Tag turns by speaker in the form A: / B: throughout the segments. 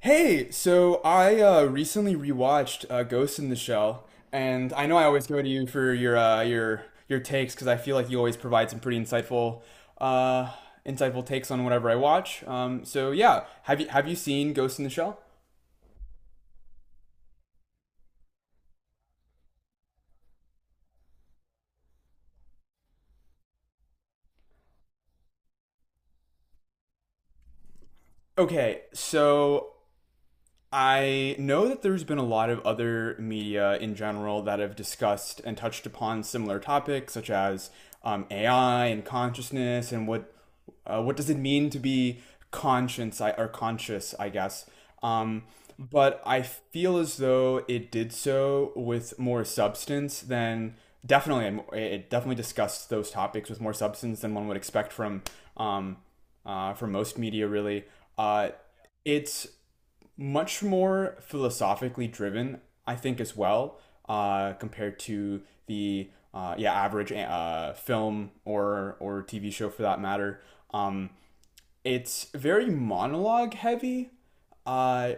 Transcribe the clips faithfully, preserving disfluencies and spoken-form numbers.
A: Hey, so I uh, recently rewatched uh, Ghost in the Shell, and I know I always go to you for your uh, your your takes because I feel like you always provide some pretty insightful uh, insightful takes on whatever I watch. Um, so yeah, have you have you seen Ghost in the Shell? Okay, so I know that there's been a lot of other media in general that have discussed and touched upon similar topics, such as um, A I and consciousness, and what uh, what does it mean to be conscience I- or conscious, I guess. Um, but I feel as though it did so with more substance than definitely it definitely discussed those topics with more substance than one would expect from um, uh, from most media, really. Uh, it's much more philosophically driven, I think, as well, uh, compared to the uh, yeah average uh, film or or T V show for that matter. Um, it's very monologue heavy. Uh,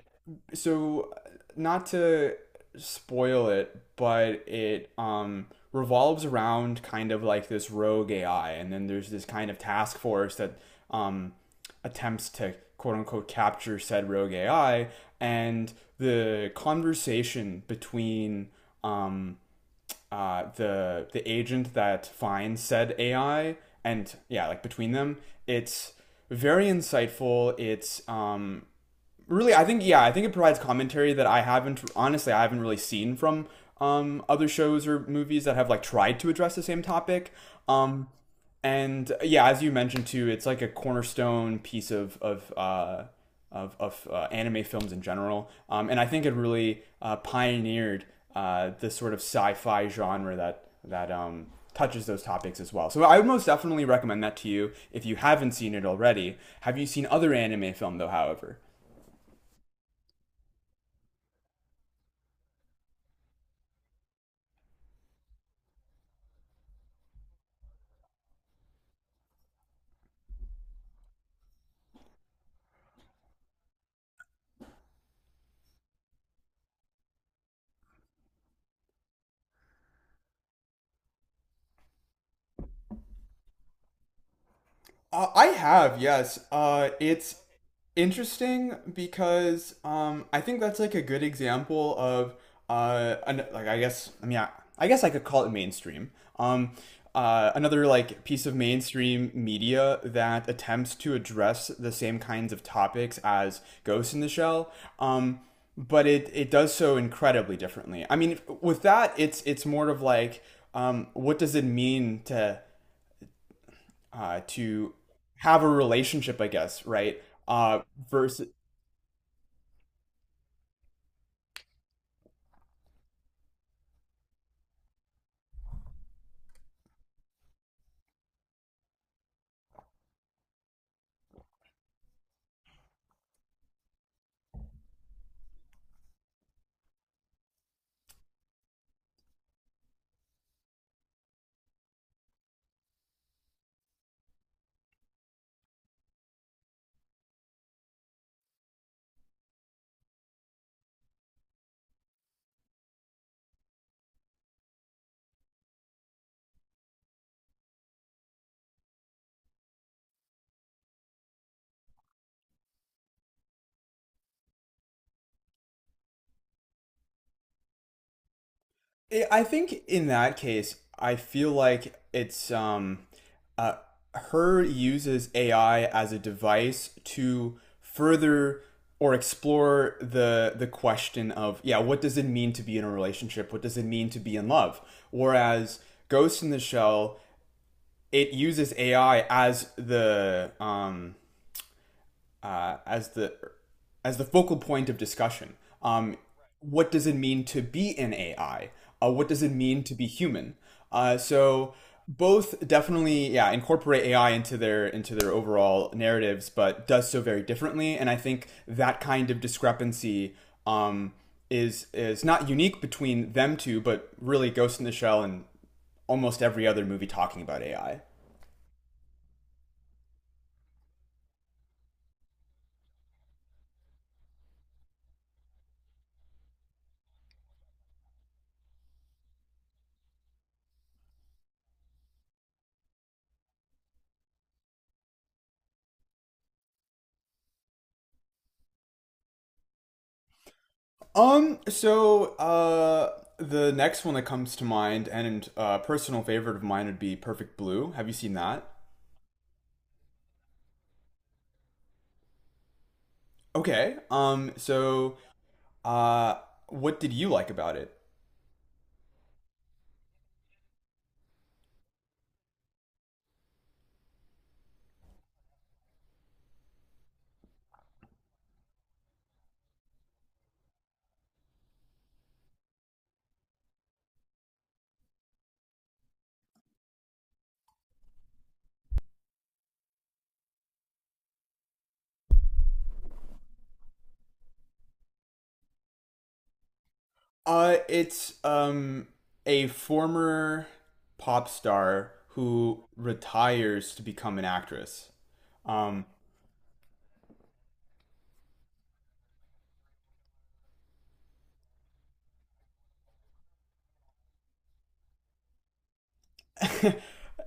A: so not to spoil it, but it um revolves around kind of like this rogue A I, and then there's this kind of task force that um attempts to quote unquote capture said rogue A I, and the conversation between um uh, the the agent that finds said A I, and yeah, like between them, it's very insightful. It's um, really, I think yeah, I think it provides commentary that I haven't honestly I haven't really seen from um, other shows or movies that have like tried to address the same topic. Um, and yeah, as you mentioned too, it's like a cornerstone piece of of uh, of, of uh, anime films in general. Um, and I think it really uh, pioneered uh, this sort of sci-fi genre that that um, touches those topics as well. So I would most definitely recommend that to you if you haven't seen it already. Have you seen other anime film though? However. Uh, I have, yes. Uh, it's interesting because um, I think that's like a good example of uh, an, like I guess I mean I, I guess I could call it mainstream. Um, uh, Another like piece of mainstream media that attempts to address the same kinds of topics as Ghost in the Shell. Um, but it it does so incredibly differently. I mean, with that, it's it's more of like, um, what does it mean to uh, to have a relationship, I guess, right? Uh, versus, I think in that case, I feel like it's um, uh, her uses A I as a device to further or explore the the question of yeah, what does it mean to be in a relationship? What does it mean to be in love? Whereas Ghost in the Shell, it uses A I as the um, uh, as the as the focal point of discussion. Um, what does it mean to be in A I? Uh, what does it mean to be human? Uh, so both definitely yeah incorporate A I into their into their overall narratives, but does so very differently. And I think that kind of discrepancy um, is is not unique between them two, but really Ghost in the Shell and almost every other movie talking about A I. Um, so uh the next one that comes to mind and a uh personal favorite of mine would be Perfect Blue. Have you seen that? Okay. Um so uh what did you like about it? Uh it's um a former pop star who retires to become an actress. Um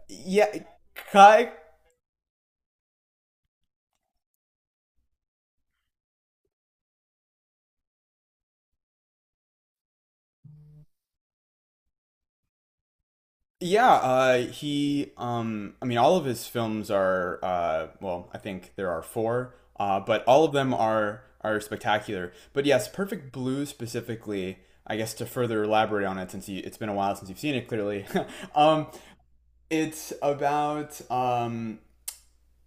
A: yeah, ki- Yeah, uh, he. Um, I mean, all of his films are. Uh, well, I think there are four, uh, but all of them are are spectacular. But yes, Perfect Blue specifically. I guess to further elaborate on it, since you, it's been a while since you've seen it, clearly, um, it's about um,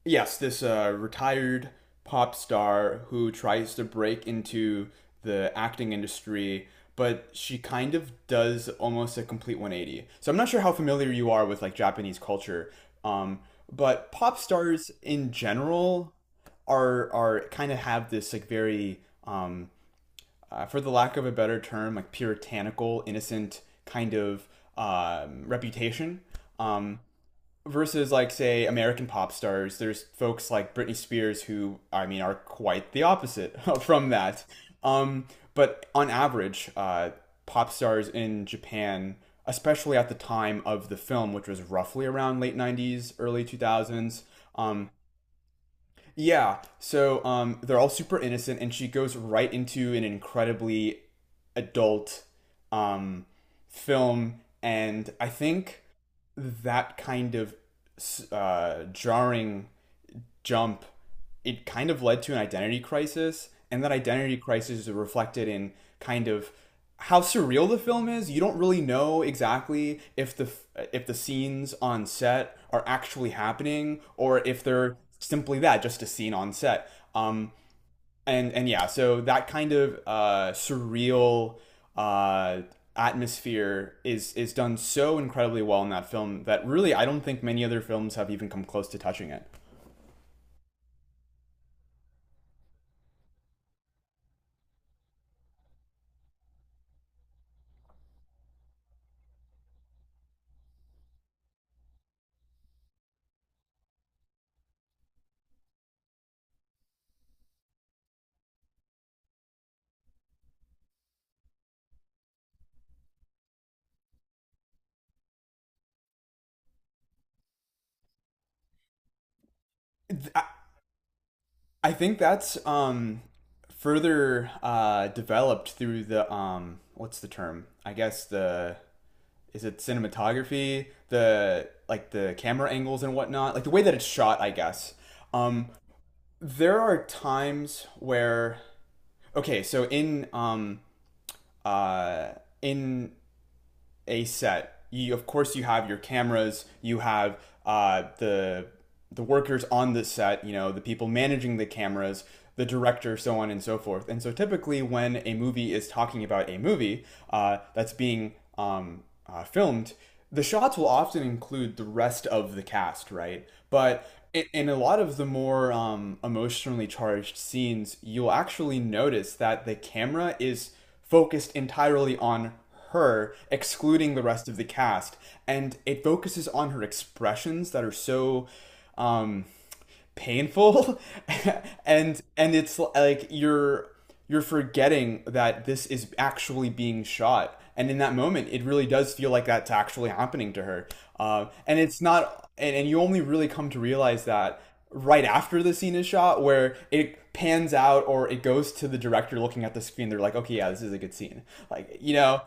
A: yes, this uh, retired pop star who tries to break into the acting industry, but she kind of does almost a complete one eighty. So I'm not sure how familiar you are with like Japanese culture, um, but pop stars in general are are kind of have this like very um, uh, for the lack of a better term like puritanical, innocent kind of um, reputation. Um, versus like say American pop stars, there's folks like Britney Spears who I mean are quite the opposite from that. Um, but on average, uh, pop stars in Japan, especially at the time of the film, which was roughly around late nineties, early two thousands. Um, yeah, so um, they're all super innocent, and she goes right into an incredibly adult um, film, and I think that kind of uh, jarring jump, it kind of led to an identity crisis, and that identity crisis is reflected in kind of how surreal the film is. You don't really know exactly if the if the scenes on set are actually happening or if they're simply that, just a scene on set. Um, and and yeah, so that kind of uh, surreal uh, atmosphere is is done so incredibly well in that film that really I don't think many other films have even come close to touching it. I- I think that's um, further uh, developed through the um, what's the term? I guess the is it cinematography, the like the camera angles and whatnot, like the way that it's shot. I guess um, there are times where okay, so in um, uh, in a set. You, of course, you have your cameras, you have uh, the the workers on the set, you know, the people managing the cameras, the director, so on and so forth. And so, typically, when a movie is talking about a movie uh, that's being um, uh, filmed, the shots will often include the rest of the cast, right? But in, in a lot of the more um, emotionally charged scenes, you'll actually notice that the camera is focused entirely on her, excluding the rest of the cast. And it focuses on her expressions that are so um, painful, and and it's like you're you're forgetting that this is actually being shot. And in that moment, it really does feel like that's actually happening to her. Uh, and it's not, and, and you only really come to realize that right after the scene is shot where it pans out or it goes to the director looking at the screen, they're like, okay, yeah, this is a good scene, like, you know.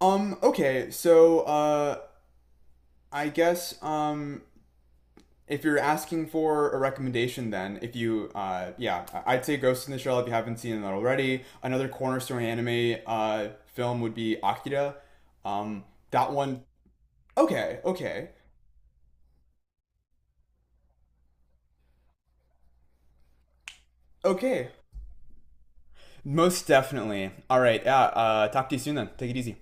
A: Um, okay, so uh I guess um, if you're asking for a recommendation then, if you uh yeah, I- would say Ghost in the Shell if you haven't seen it already. Another cornerstone anime uh film would be Akira. Um that one okay, okay. Okay. Most definitely. All right. Yeah, uh talk to you soon then. Take it easy.